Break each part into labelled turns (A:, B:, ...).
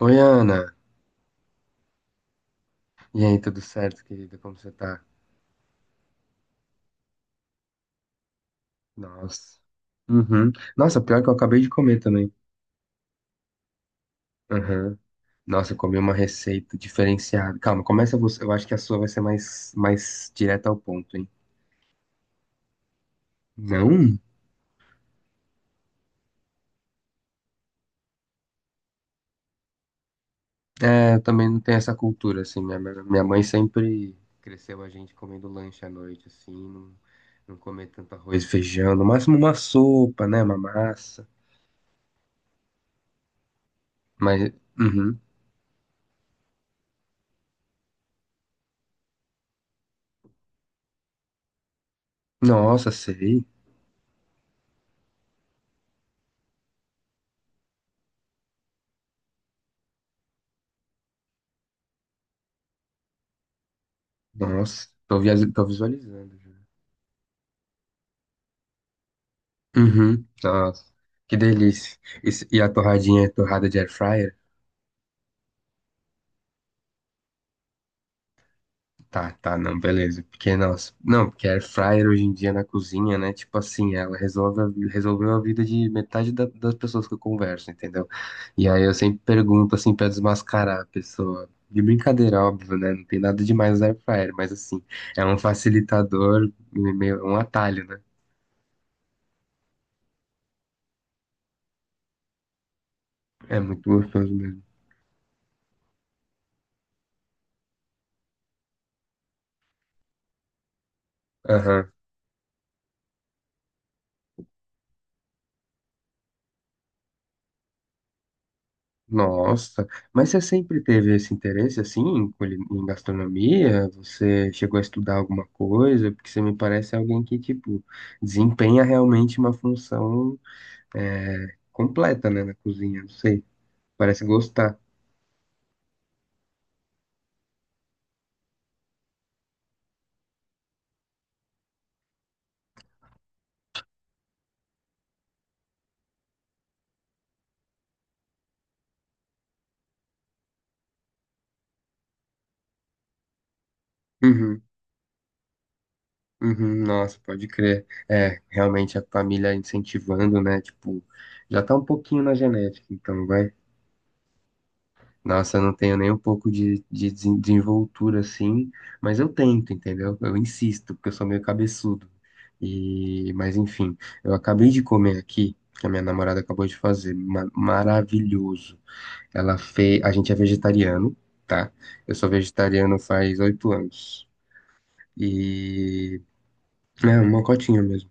A: Oi, Ana. E aí, tudo certo, querida? Como você tá? Nossa. Uhum. Nossa, pior que eu acabei de comer também. Uhum. Nossa, eu comi uma receita diferenciada. Calma, começa você. Eu acho que a sua vai ser mais direta ao ponto, hein? Não? É, eu também não tenho essa cultura, assim. Minha mãe sempre cresceu a gente comendo lanche à noite, assim. Não, não comer tanto arroz e feijão. No máximo uma sopa, né? Uma massa. Mas, uhum. Nossa, sei. Nossa, tô, tô visualizando. Uhum. Nossa, que delícia. Isso- e a torradinha é torrada de air fryer? Tá, tá, não, beleza. Porque, nossa, não, porque air fryer hoje em dia na cozinha, né? Tipo assim, ela resolve, a resolveu a vida de metade das pessoas que eu converso, entendeu? E aí eu sempre pergunto, assim, pra desmascarar a pessoa. De brincadeira, óbvio, né? Não tem nada demais no air fryer, mas assim, é um facilitador, meio, um atalho, né? É muito gostoso mesmo. Nossa, mas você sempre teve esse interesse assim em, em gastronomia? Você chegou a estudar alguma coisa? Porque você me parece alguém que, tipo, desempenha realmente uma função é, completa, né, na cozinha. Não sei, parece gostar. Uhum, uhum, nossa, pode crer. É, realmente a família incentivando, né? Tipo, já tá um pouquinho na genética, então vai. Nossa, eu não tenho nem um pouco de desenvoltura assim, mas eu tento, entendeu? Eu insisto, porque eu sou meio cabeçudo. E, mas enfim, eu acabei de comer aqui, que a minha namorada acabou de fazer, maravilhoso. Ela fez, a gente é vegetariano, tá? Eu sou vegetariano faz 8 anos. E é uma cotinha mesmo.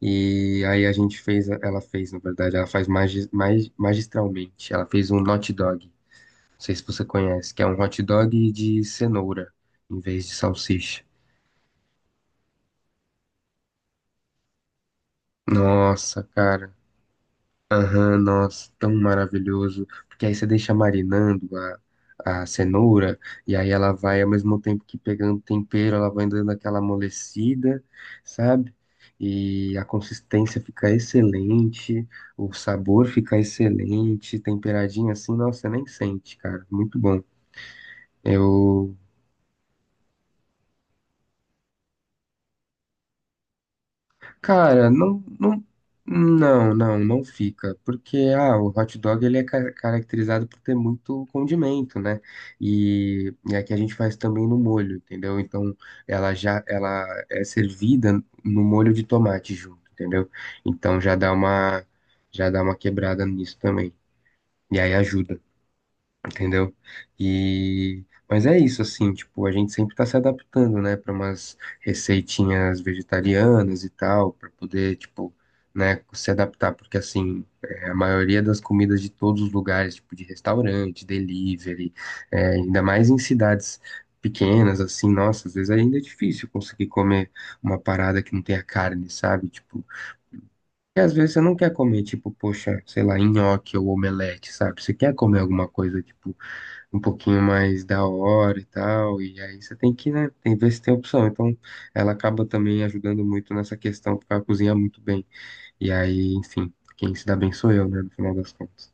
A: E aí a gente fez, ela fez, na verdade, ela faz mais magistralmente. Ela fez um hot dog. Não sei se você conhece, que é um hot dog de cenoura em vez de salsicha. Nossa, cara. Aham, nossa, tão maravilhoso. Porque aí você deixa marinando a cenoura e aí ela vai ao mesmo tempo que pegando tempero, ela vai dando aquela amolecida, sabe? E a consistência fica excelente, o sabor fica excelente, temperadinho assim, nossa, você nem sente, cara. Muito bom. Eu cara, não, não, não, não, não fica, porque ah, o hot dog ele é caracterizado por ter muito condimento, né? E aqui a gente faz também no molho, entendeu? Então ela é servida no molho de tomate junto, entendeu? Então já dá uma quebrada nisso também. E aí ajuda, entendeu? E mas é isso assim, tipo, a gente sempre tá se adaptando, né, para umas receitinhas vegetarianas e tal, para poder, tipo, né, se adaptar, porque assim, é, a maioria das comidas de todos os lugares, tipo de restaurante, delivery, é, ainda mais em cidades pequenas assim, nossa, às vezes ainda é difícil conseguir comer uma parada que não tenha carne, sabe? Tipo, e às vezes você não quer comer, tipo, poxa, sei lá, nhoque ou omelete, sabe? Você quer comer alguma coisa, tipo, um pouquinho mais da hora e tal, e aí você tem que, né, tem, ver se tem opção. Então, ela acaba também ajudando muito nessa questão, porque ela cozinha muito bem. E aí, enfim, quem se dá bem sou eu, né, no final das contas.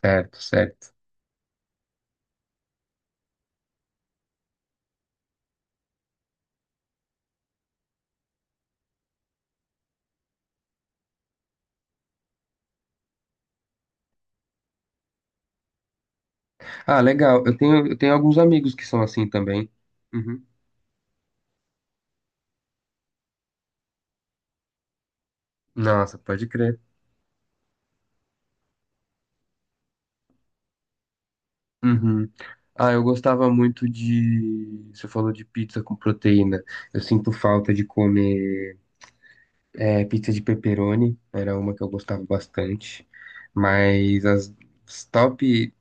A: Certo, certo. Ah, legal. Eu tenho alguns amigos que são assim também. Uhum. Nossa, pode crer. Uhum. Ah, eu gostava muito de. Você falou de pizza com proteína. Eu sinto falta de comer. É, pizza de pepperoni era uma que eu gostava bastante, mas as top,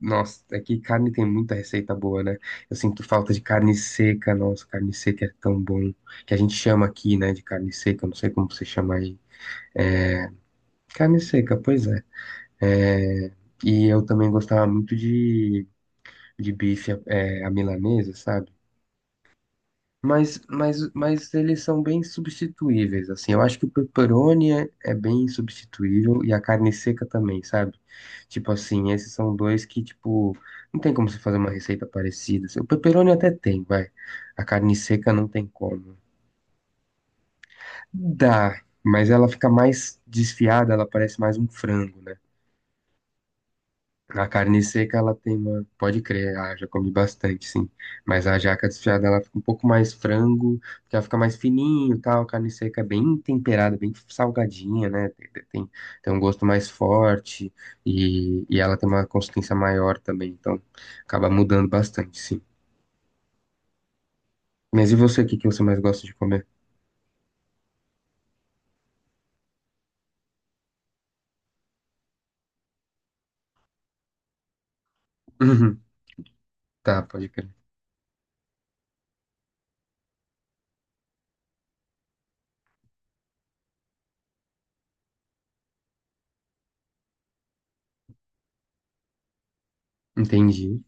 A: nossa, é que carne tem muita receita boa, né? Eu sinto falta de carne seca, nossa, carne seca é tão bom, que a gente chama aqui, né, de carne seca, eu não sei como você chama aí. Carne seca, pois é. É, e eu também gostava muito de bife, é, a milanesa, sabe? Mas eles são bem substituíveis, assim. Eu acho que o pepperoni é bem substituível e a carne seca também, sabe? Tipo assim, esses são dois que, tipo, não tem como você fazer uma receita parecida. Assim. O pepperoni até tem, vai. A carne seca não tem como. Dá, mas ela fica mais desfiada, ela parece mais um frango, né? A carne seca, ela tem uma. Pode crer, ah, já comi bastante, sim. Mas a jaca desfiada, ela fica um pouco mais frango, porque ela fica mais fininho e tal. A carne seca é bem temperada, bem salgadinha, né? Tem um gosto mais forte e, ela tem uma consistência maior também. Então, acaba mudando bastante, sim. Mas e você, o que que você mais gosta de comer? Uhum. Tá, pode crer. Entendi.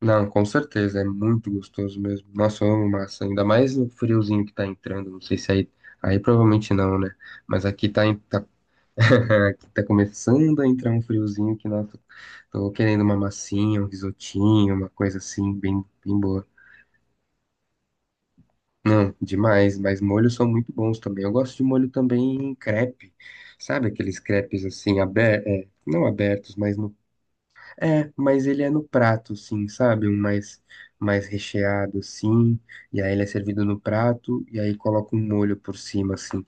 A: Não, com certeza, é muito gostoso mesmo. Nossa, eu amo massa, ainda mais no friozinho que tá entrando, não sei se aí, aí provavelmente não, né? Mas aqui tá, tá, aqui tá começando a entrar um friozinho que, nossa, tô querendo uma massinha, um risotinho, uma coisa assim, bem, bem boa. Não, demais, mas molhos são muito bons também. Eu gosto de molho também em crepe, sabe? Aqueles crepes assim, abertos, não abertos, mas no. É, mas ele é no prato, sim, sabe? Um mais, mais recheado, sim. E aí ele é servido no prato e aí coloca um molho por cima, assim.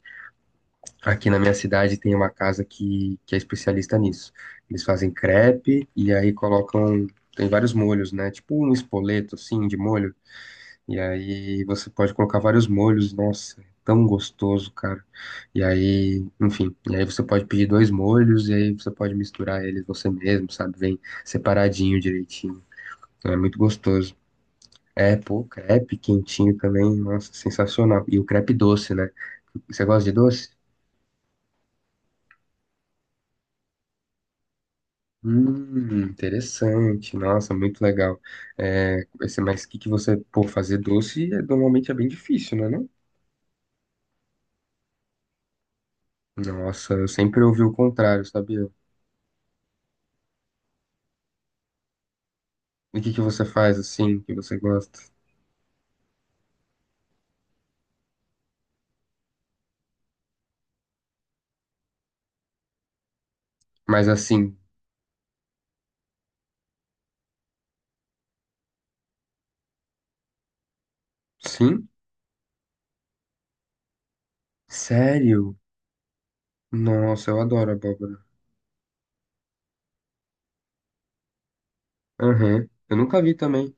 A: Aqui na minha cidade tem uma casa que é especialista nisso. Eles fazem crepe e aí colocam. Tem vários molhos, né? Tipo um espoleto, assim, de molho. E aí você pode colocar vários molhos, nossa, é tão gostoso, cara. E aí, enfim, e aí você pode pedir dois molhos e aí você pode misturar eles você mesmo, sabe? Vem separadinho direitinho. Então é muito gostoso. É, pô, crepe quentinho também, nossa, sensacional. E o crepe doce, né? Você gosta de doce? Interessante, nossa, muito legal. É, esse- mas o que que você, pô, fazer doce é- normalmente é bem difícil, né, não? Nossa, eu sempre ouvi o contrário, sabia? E o que que você faz assim, que você gosta? Mas assim, sim? Sério? Nossa, eu adoro abóbora. Aham. Eu nunca vi também.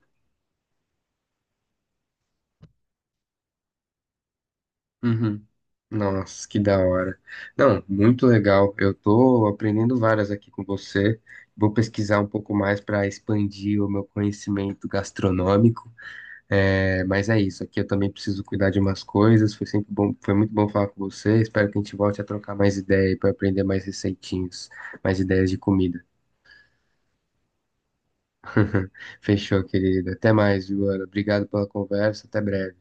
A: Uhum. Nossa, que da hora. Não, muito legal. Eu tô aprendendo várias aqui com você. Vou pesquisar um pouco mais para expandir o meu conhecimento gastronômico. É, mas é isso. Aqui eu também preciso cuidar de umas coisas. Foi sempre bom, foi muito bom falar com você. Espero que a gente volte a trocar mais ideia para aprender mais receitinhos, mais ideias de comida. Fechou, querido. Até mais, Joana. Obrigado pela conversa. Até breve.